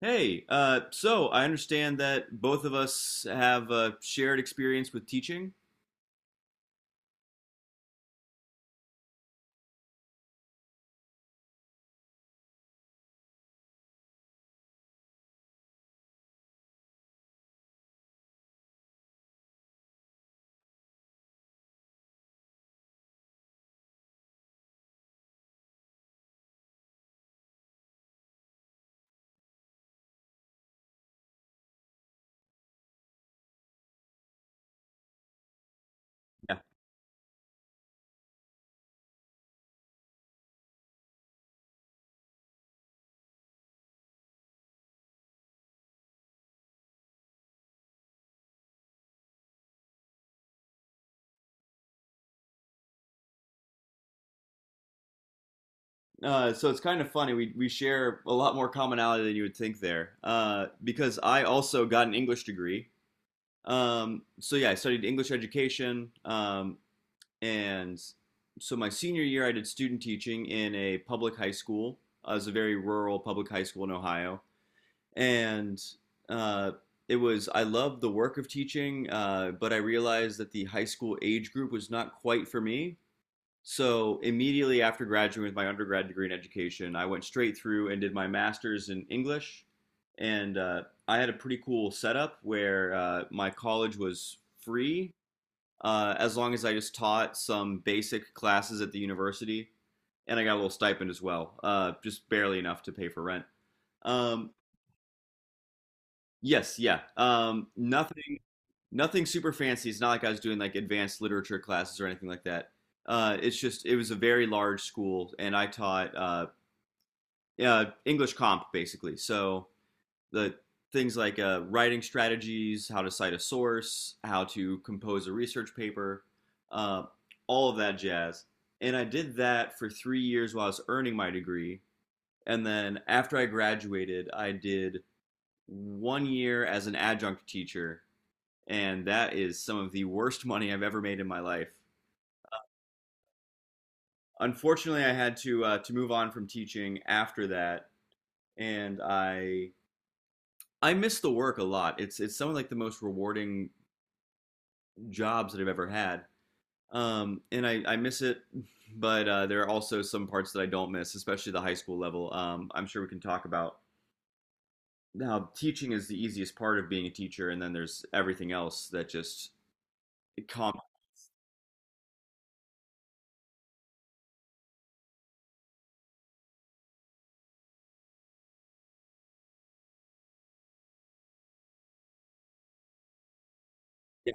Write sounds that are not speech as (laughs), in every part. Hey, so I understand that both of us have a shared experience with teaching. Yeah. So it's kind of funny. We share a lot more commonality than you would think there, because I also got an English degree. So yeah, I studied English education, and so my senior year I did student teaching in a public high school. It was a very rural public high school in Ohio, and uh, it was I loved the work of teaching, but I realized that the high school age group was not quite for me. So immediately after graduating with my undergrad degree in education, I went straight through and did my master's in English, and I had a pretty cool setup where my college was free as long as I just taught some basic classes at the university, and I got a little stipend as well, just barely enough to pay for rent. Um, Yes, yeah. Nothing super fancy. It's not like I was doing like advanced literature classes or anything like that. It's just it was a very large school, and I taught English comp basically. So the things like writing strategies, how to cite a source, how to compose a research paper, uh, all of that jazz. And I did that for 3 years while I was earning my degree. And then after I graduated, I did 1 year as an adjunct teacher, and that is some of the worst money I've ever made in my life. Unfortunately, I had to move on from teaching after that, and I miss the work a lot. It's some of like the most rewarding jobs that I've ever had, and I miss it. But there are also some parts that I don't miss, especially the high school level. I'm sure we can talk about now. Teaching is the easiest part of being a teacher, and then there's everything else that just it com- yeah.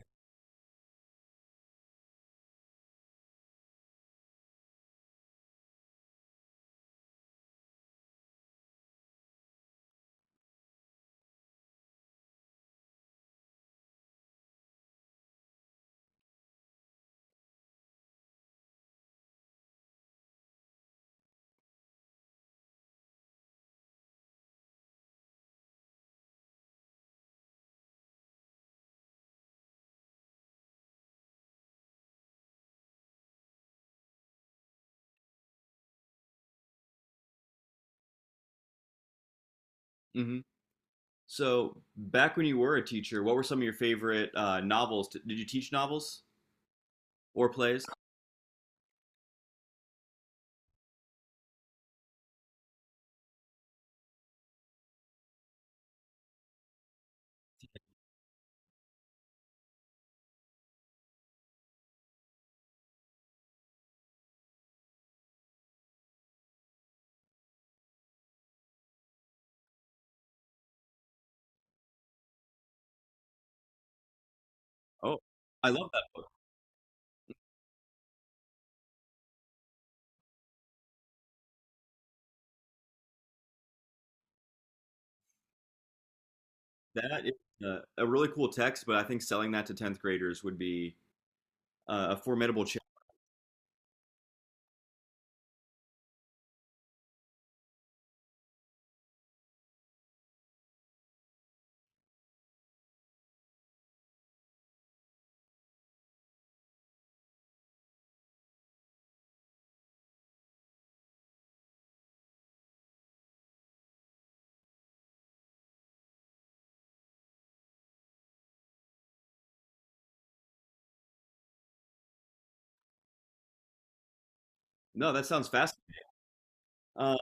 Hmm. So, back when you were a teacher, what were some of your favorite novels? Did you teach novels or plays? Oh, I love that book. That is a really cool text, but I think selling that to 10th graders would be a formidable challenge. No, that sounds fascinating. Uh,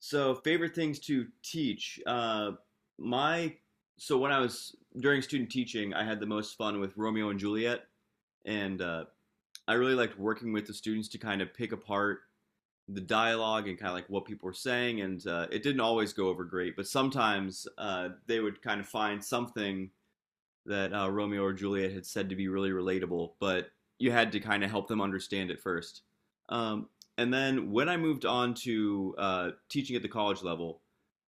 favorite things to teach. My so when I was during student teaching, I had the most fun with Romeo and Juliet, and I really liked working with the students to kind of pick apart the dialogue and kind of like what people were saying, and it didn't always go over great. But sometimes they would kind of find something that Romeo or Juliet had said to be really relatable, but you had to kind of help them understand it first. Um, and then when I moved on to teaching at the college level,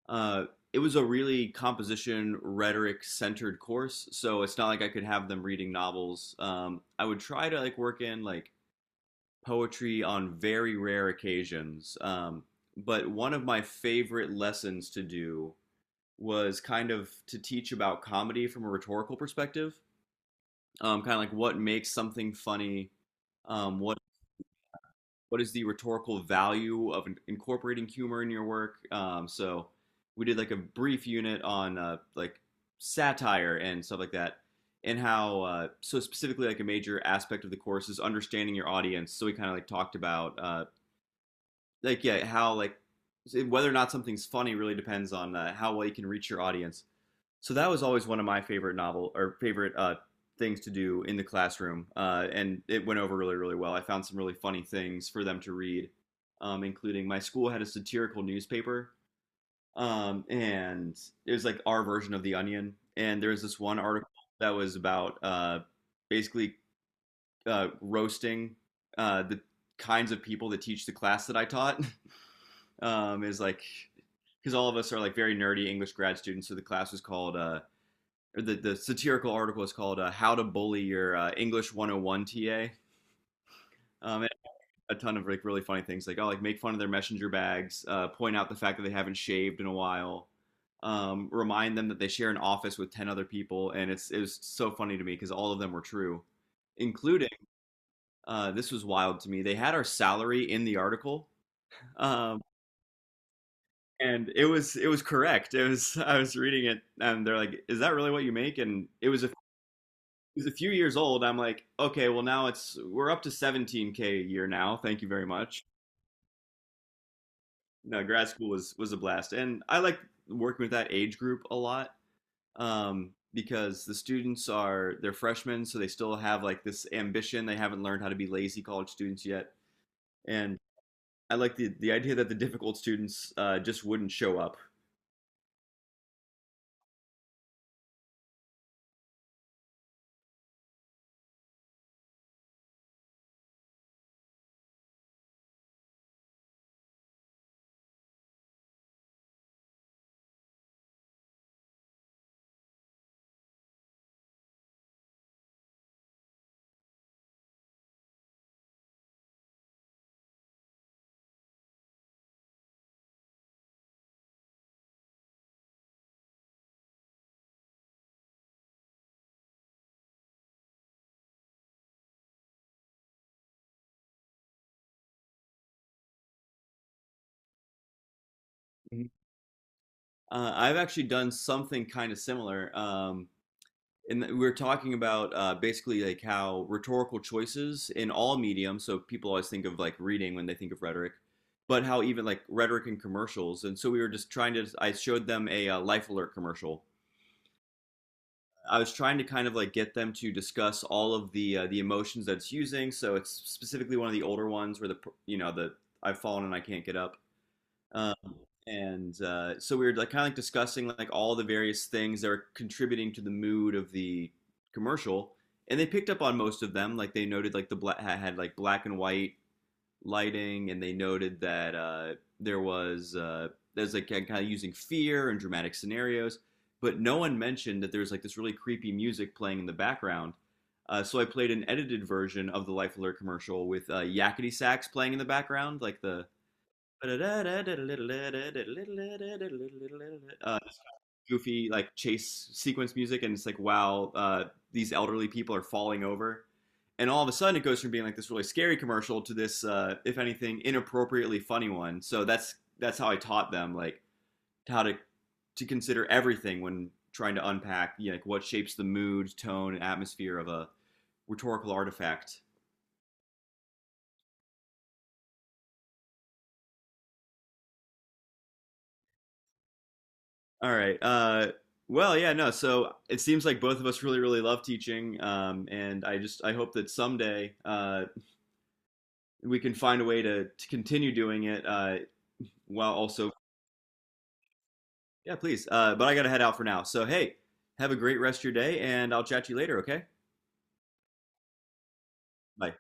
uh, it was a really composition rhetoric centered course. So it's not like I could have them reading novels. I would try to like work in like poetry on very rare occasions. But one of my favorite lessons to do was kind of to teach about comedy from a rhetorical perspective, kind of like what makes something funny, um, what what is the rhetorical value of incorporating humor in your work. So we did like a brief unit on like satire and stuff like that, and how so specifically like a major aspect of the course is understanding your audience. So we kind of like talked about like yeah, how like whether or not something's funny really depends on how well you can reach your audience. So that was always one of my favorite novel or favorite things to do in the classroom, and it went over really really well. I found some really funny things for them to read, including my school had a satirical newspaper, and it was like our version of the Onion. And there was this one article that was about basically roasting the kinds of people that teach the class that I taught. (laughs) Is like because all of us are like very nerdy English grad students. So the class was called or the satirical article is called "How to Bully Your English 101 TA." And a ton of like really funny things like oh like make fun of their messenger bags, point out the fact that they haven't shaved in a while. Remind them that they share an office with 10 other people, and it was so funny to me because all of them were true, including this was wild to me they had our salary in the article, um, and it was correct. It was (laughs) I was reading it, and they're like, "Is that really what you make?" And it was a few years old. I'm like, okay, well now it's we're up to 17K a year now. Thank you very much. No, grad school was a blast, and I like working with that age group a lot, because the students are they're freshmen, so they still have like this ambition. They haven't learned how to be lazy college students yet, and I like the idea that the difficult students just wouldn't show up. Mhm. I've actually done something kind of similar. And we were talking about basically like how rhetorical choices in all mediums, so people always think of like reading when they think of rhetoric, but how even like rhetoric in commercials. And so we were just trying to, I showed them a Life Alert commercial. I was trying to kind of like get them to discuss all of the emotions that it's using. So it's specifically one of the older ones where the you know the I've fallen and I can't get up. Uh, and so we were like kind of like discussing like all the various things that are contributing to the mood of the commercial, and they picked up on most of them. Like they noted like the black had like black and white lighting, and they noted that there was uh, there's like kind of using fear and dramatic scenarios, but no one mentioned that there's like this really creepy music playing in the background. So I played an edited version of the Life Alert commercial with Yakety Sax playing in the background, like the. Uh, goofy like chase sequence music, and it's like, wow, these elderly people are falling over. And all of a sudden, it goes from being like this really scary commercial to this, if anything, inappropriately funny one. So that's how I taught them like how to consider everything when trying to unpack you know, like what shapes the mood, tone, and atmosphere of a rhetorical artifact. All right. Well, yeah, no. So it seems like both of us really, really love teaching, and I just I hope that someday we can find a way to continue doing it while also, yeah, please. But I got to head out for now. So, hey, have a great rest of your day, and I'll chat to you later, okay? Bye.